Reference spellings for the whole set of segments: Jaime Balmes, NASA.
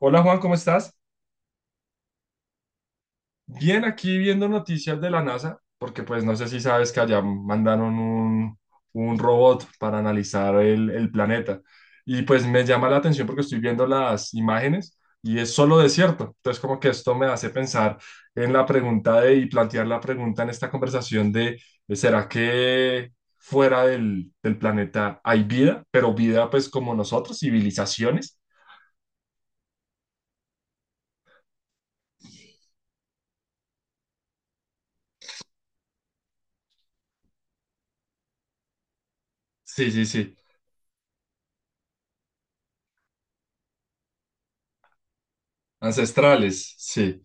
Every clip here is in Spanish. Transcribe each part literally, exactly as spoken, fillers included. Hola Juan, ¿cómo estás? Bien, aquí viendo noticias de la NASA, porque pues no sé si sabes que allá mandaron un, un robot para analizar el, el planeta. Y pues me llama la atención porque estoy viendo las imágenes y es solo desierto. Entonces como que esto me hace pensar en la pregunta de, y plantear la pregunta en esta conversación de, ¿será que fuera del, del planeta hay vida? Pero vida pues como nosotros, civilizaciones. Sí, sí, sí. Ancestrales, sí.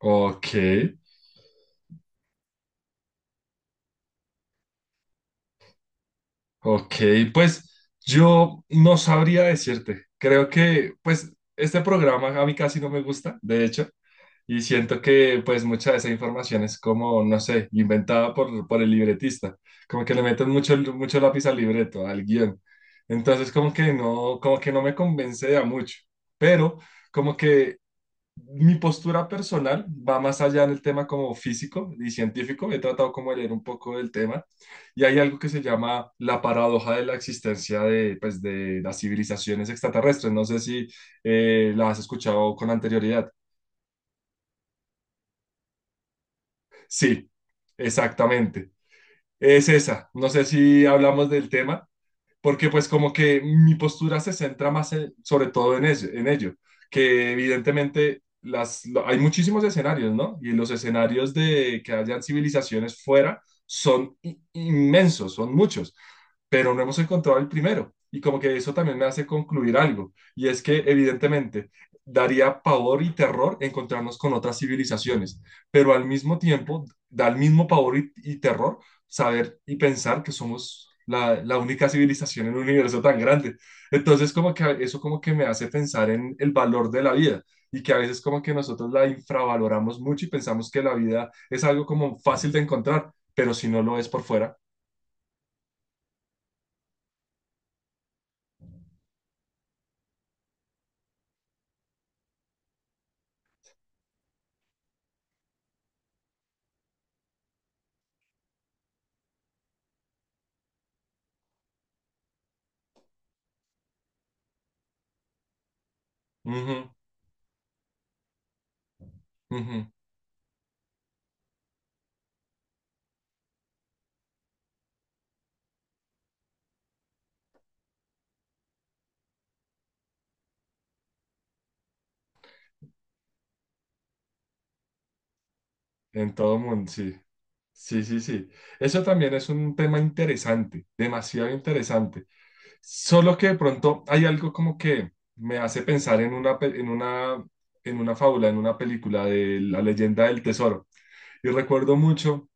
Ok, ok, pues yo no sabría decirte. Creo que, pues, este programa a mí casi no me gusta, de hecho, y siento que, pues, mucha de esa información es como, no sé, inventada por, por el libretista, como que le meten mucho, mucho lápiz al libreto, al guión. Entonces, como que no, como que no me convence de a mucho, pero como que mi postura personal va más allá en el tema como físico y científico. He tratado como de leer un poco del tema y hay algo que se llama la paradoja de la existencia de, pues, de las civilizaciones extraterrestres. No sé si eh, la has escuchado con anterioridad. Sí, exactamente. Es esa. No sé si hablamos del tema, porque pues como que mi postura se centra más en- sobre todo en ello, en ello, que evidentemente las, lo- hay muchísimos escenarios, ¿no? Y los escenarios de que hayan civilizaciones fuera son i- inmensos, son muchos, pero no hemos encontrado el primero. Y como que eso también me hace concluir algo, y es que evidentemente daría pavor y terror encontrarnos con otras civilizaciones, pero al mismo tiempo da el mismo pavor y y terror saber y pensar que somos la, la única civilización en un universo tan grande. Entonces, como que eso como que me hace pensar en el valor de la vida y que a veces como que nosotros la infravaloramos mucho y pensamos que la vida es algo como fácil de encontrar, pero si no lo es por fuera. Ujú, ujú. En todo mundo, sí. Sí, sí, sí. Eso también es un tema interesante, demasiado interesante. Solo que de pronto hay algo como que me hace pensar en una, pe- en una, en una fábula, en una película de La leyenda del tesoro. Y recuerdo mucho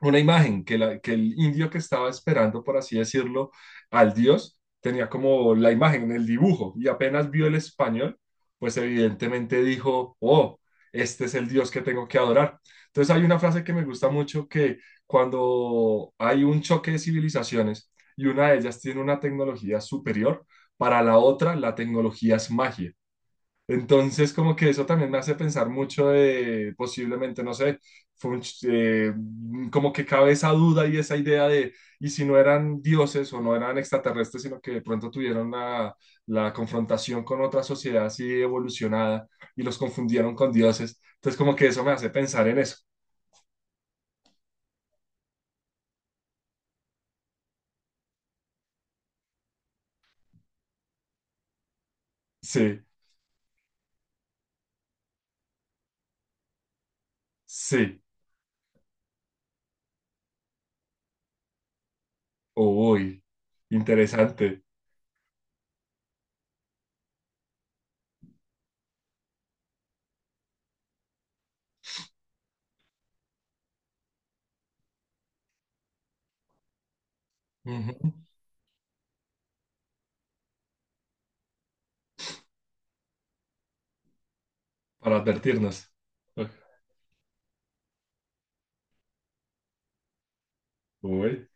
una imagen que, la- que el indio que estaba esperando, por así decirlo, al dios, tenía como la imagen, el dibujo, y apenas vio el español, pues evidentemente dijo, oh, este es el dios que tengo que adorar. Entonces hay una frase que me gusta mucho que cuando hay un choque de civilizaciones y una de ellas tiene una tecnología superior, para la otra la tecnología es magia. Entonces, como que eso también me hace pensar mucho de posiblemente, no sé, fue un ch- eh, mm, como que cabe esa duda y esa idea de, y si no eran dioses o no eran extraterrestres, sino que de pronto tuvieron la, la confrontación con otra sociedad así evolucionada y los confundieron con dioses. Entonces, como que eso me hace pensar en eso. Sí, sí, uy, interesante. Ujú. Para advertirnos. Uy.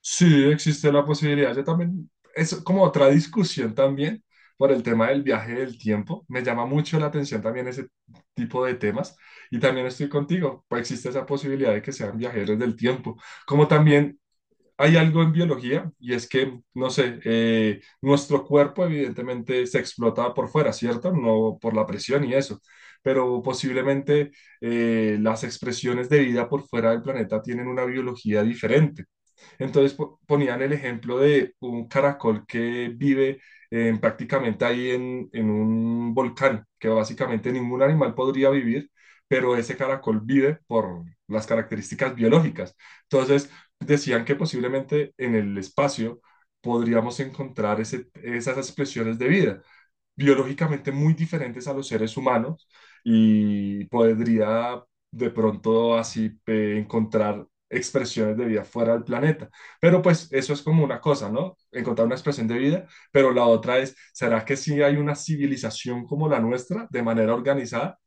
Sí, existe la posibilidad. Yo también, es como otra discusión también por el tema del viaje del tiempo. Me llama mucho la atención también ese tipo de temas. Y también estoy contigo, pues existe esa posibilidad de que sean viajeros del tiempo. Como también hay algo en biología y es que, no sé, eh, nuestro cuerpo evidentemente se explota por fuera, ¿cierto? No por la presión y eso. Pero posiblemente eh, las expresiones de vida por fuera del planeta tienen una biología diferente. Entonces po- ponían el ejemplo de un caracol que vive eh, en- prácticamente ahí en, en un volcán, que básicamente ningún animal podría vivir, pero ese caracol vive por las características biológicas. Entonces decían que posiblemente en el espacio podríamos encontrar ese- esas expresiones de vida biológicamente muy diferentes a los seres humanos y podría de pronto así eh, encontrar expresiones de vida fuera del planeta. Pero pues eso es como una cosa, ¿no? Encontrar una expresión de vida, pero la otra es, ¿será que sí hay una civilización como la nuestra de manera organizada?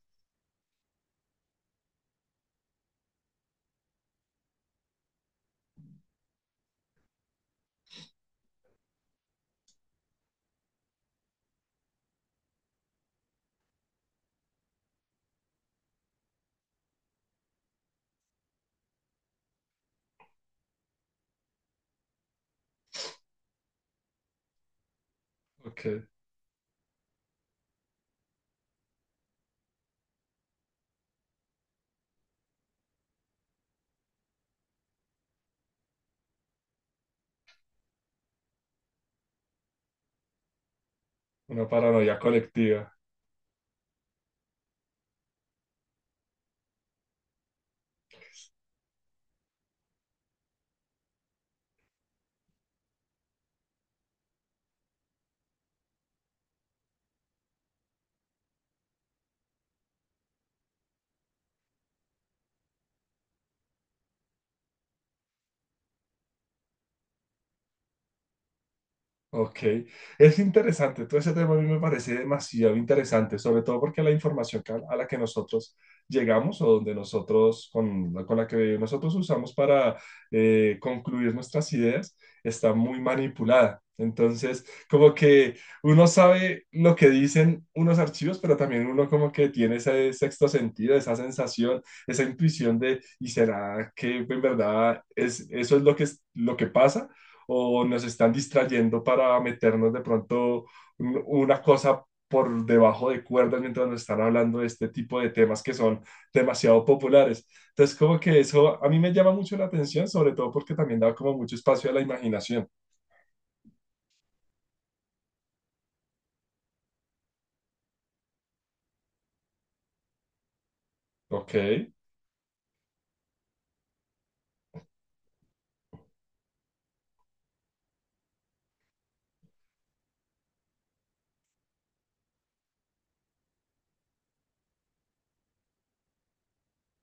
Ok, una paranoia colectiva. Ok, es interesante, todo ese tema a mí me parece demasiado interesante, sobre todo porque la información que- a la que nosotros llegamos o donde nosotros, con, la con la que nosotros usamos para eh, concluir nuestras ideas, está muy manipulada. Entonces, como que uno sabe lo que dicen unos archivos, pero también uno como que tiene ese sexto sentido, esa sensación, esa intuición de, ¿y será que en verdad es, eso es lo que, es- lo que pasa? O nos están distrayendo para meternos de pronto un- una cosa por debajo de cuerdas mientras nos están hablando de este tipo de temas que son demasiado populares. Entonces, como que eso a mí me llama mucho la atención, sobre todo porque también da como mucho espacio a la imaginación. Ok,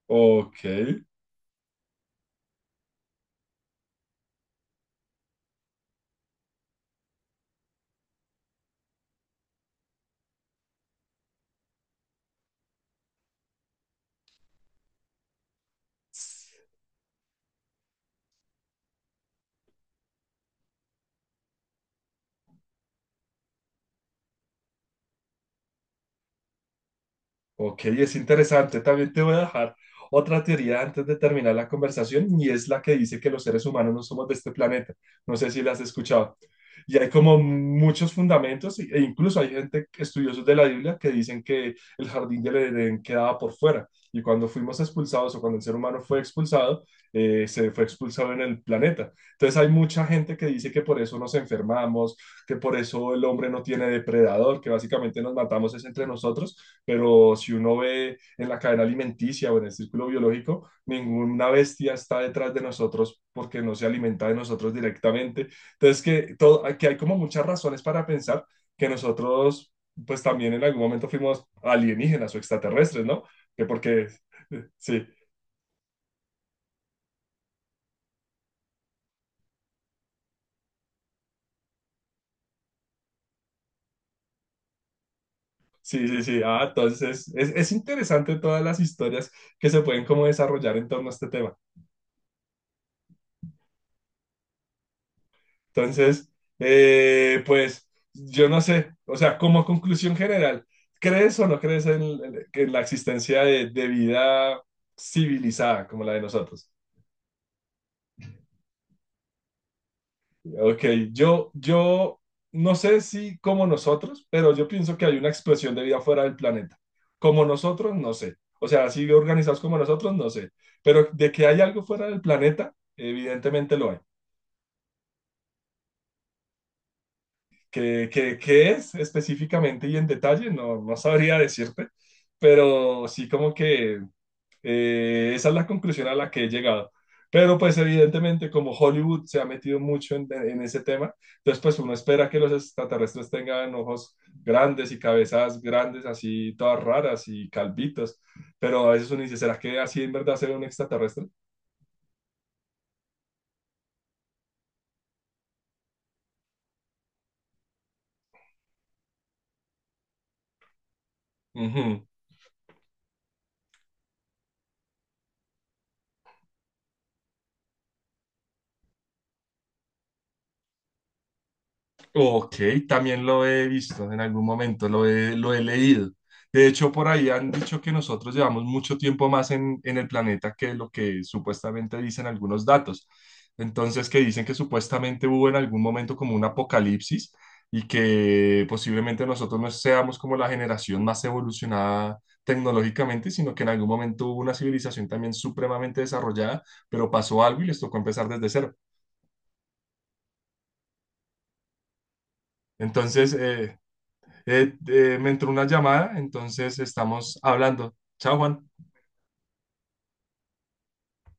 ok. Ok, es interesante. También te voy a dejar otra teoría antes de terminar la conversación y es la que dice que los seres humanos no somos de este planeta. No sé si la has escuchado. Y hay como muchos fundamentos e incluso hay gente, estudiosos de la Biblia, que dicen que el jardín del Edén quedaba por fuera. Y cuando fuimos expulsados o cuando el ser humano fue expulsado, eh, se fue expulsado en el planeta. Entonces hay mucha gente que dice que por eso nos enfermamos, que por eso el hombre no tiene depredador, que básicamente nos matamos es entre nosotros, pero si uno ve en la cadena alimenticia o en el círculo biológico, ninguna bestia está detrás de nosotros porque no se alimenta de nosotros directamente. Entonces, que, todo, que hay como muchas razones para pensar que nosotros, pues también en algún momento fuimos alienígenas o extraterrestres, ¿no? Que porque, sí, sí, sí, sí. Ah, entonces es, es interesante todas las historias que se pueden como desarrollar en torno a este tema. Entonces, eh, pues yo no sé, o sea, como conclusión general, ¿crees o no crees en, en la existencia de, de vida civilizada como la de nosotros? Ok, yo, yo no sé si como nosotros, pero yo pienso que hay una expresión de vida fuera del planeta. Como nosotros, no sé. O sea, así organizados como nosotros, no sé. Pero de que hay algo fuera del planeta, evidentemente lo hay. ¿Qué, qué- qué es específicamente y en detalle? No, no sabría decirte, pero sí como que eh, esa es la conclusión a la que he llegado. Pero pues evidentemente como Hollywood se ha metido mucho en, en ese tema, entonces pues uno espera que los extraterrestres tengan ojos grandes y cabezas grandes, así todas raras y calvitos, pero a veces uno dice, ¿será que así en verdad será un extraterrestre? Ujú. Ok, también lo he visto en algún momento, lo he, lo he leído. De hecho, por ahí han dicho que nosotros llevamos mucho tiempo más en, en el planeta que lo que supuestamente dicen algunos datos. Entonces, que dicen que supuestamente hubo en algún momento como un apocalipsis y que posiblemente nosotros no seamos como la generación más evolucionada tecnológicamente, sino que en algún momento hubo una civilización también supremamente desarrollada, pero pasó algo y les tocó empezar desde cero. Entonces, eh, Eh, eh, me entró una llamada, entonces estamos hablando. Chao, Juan.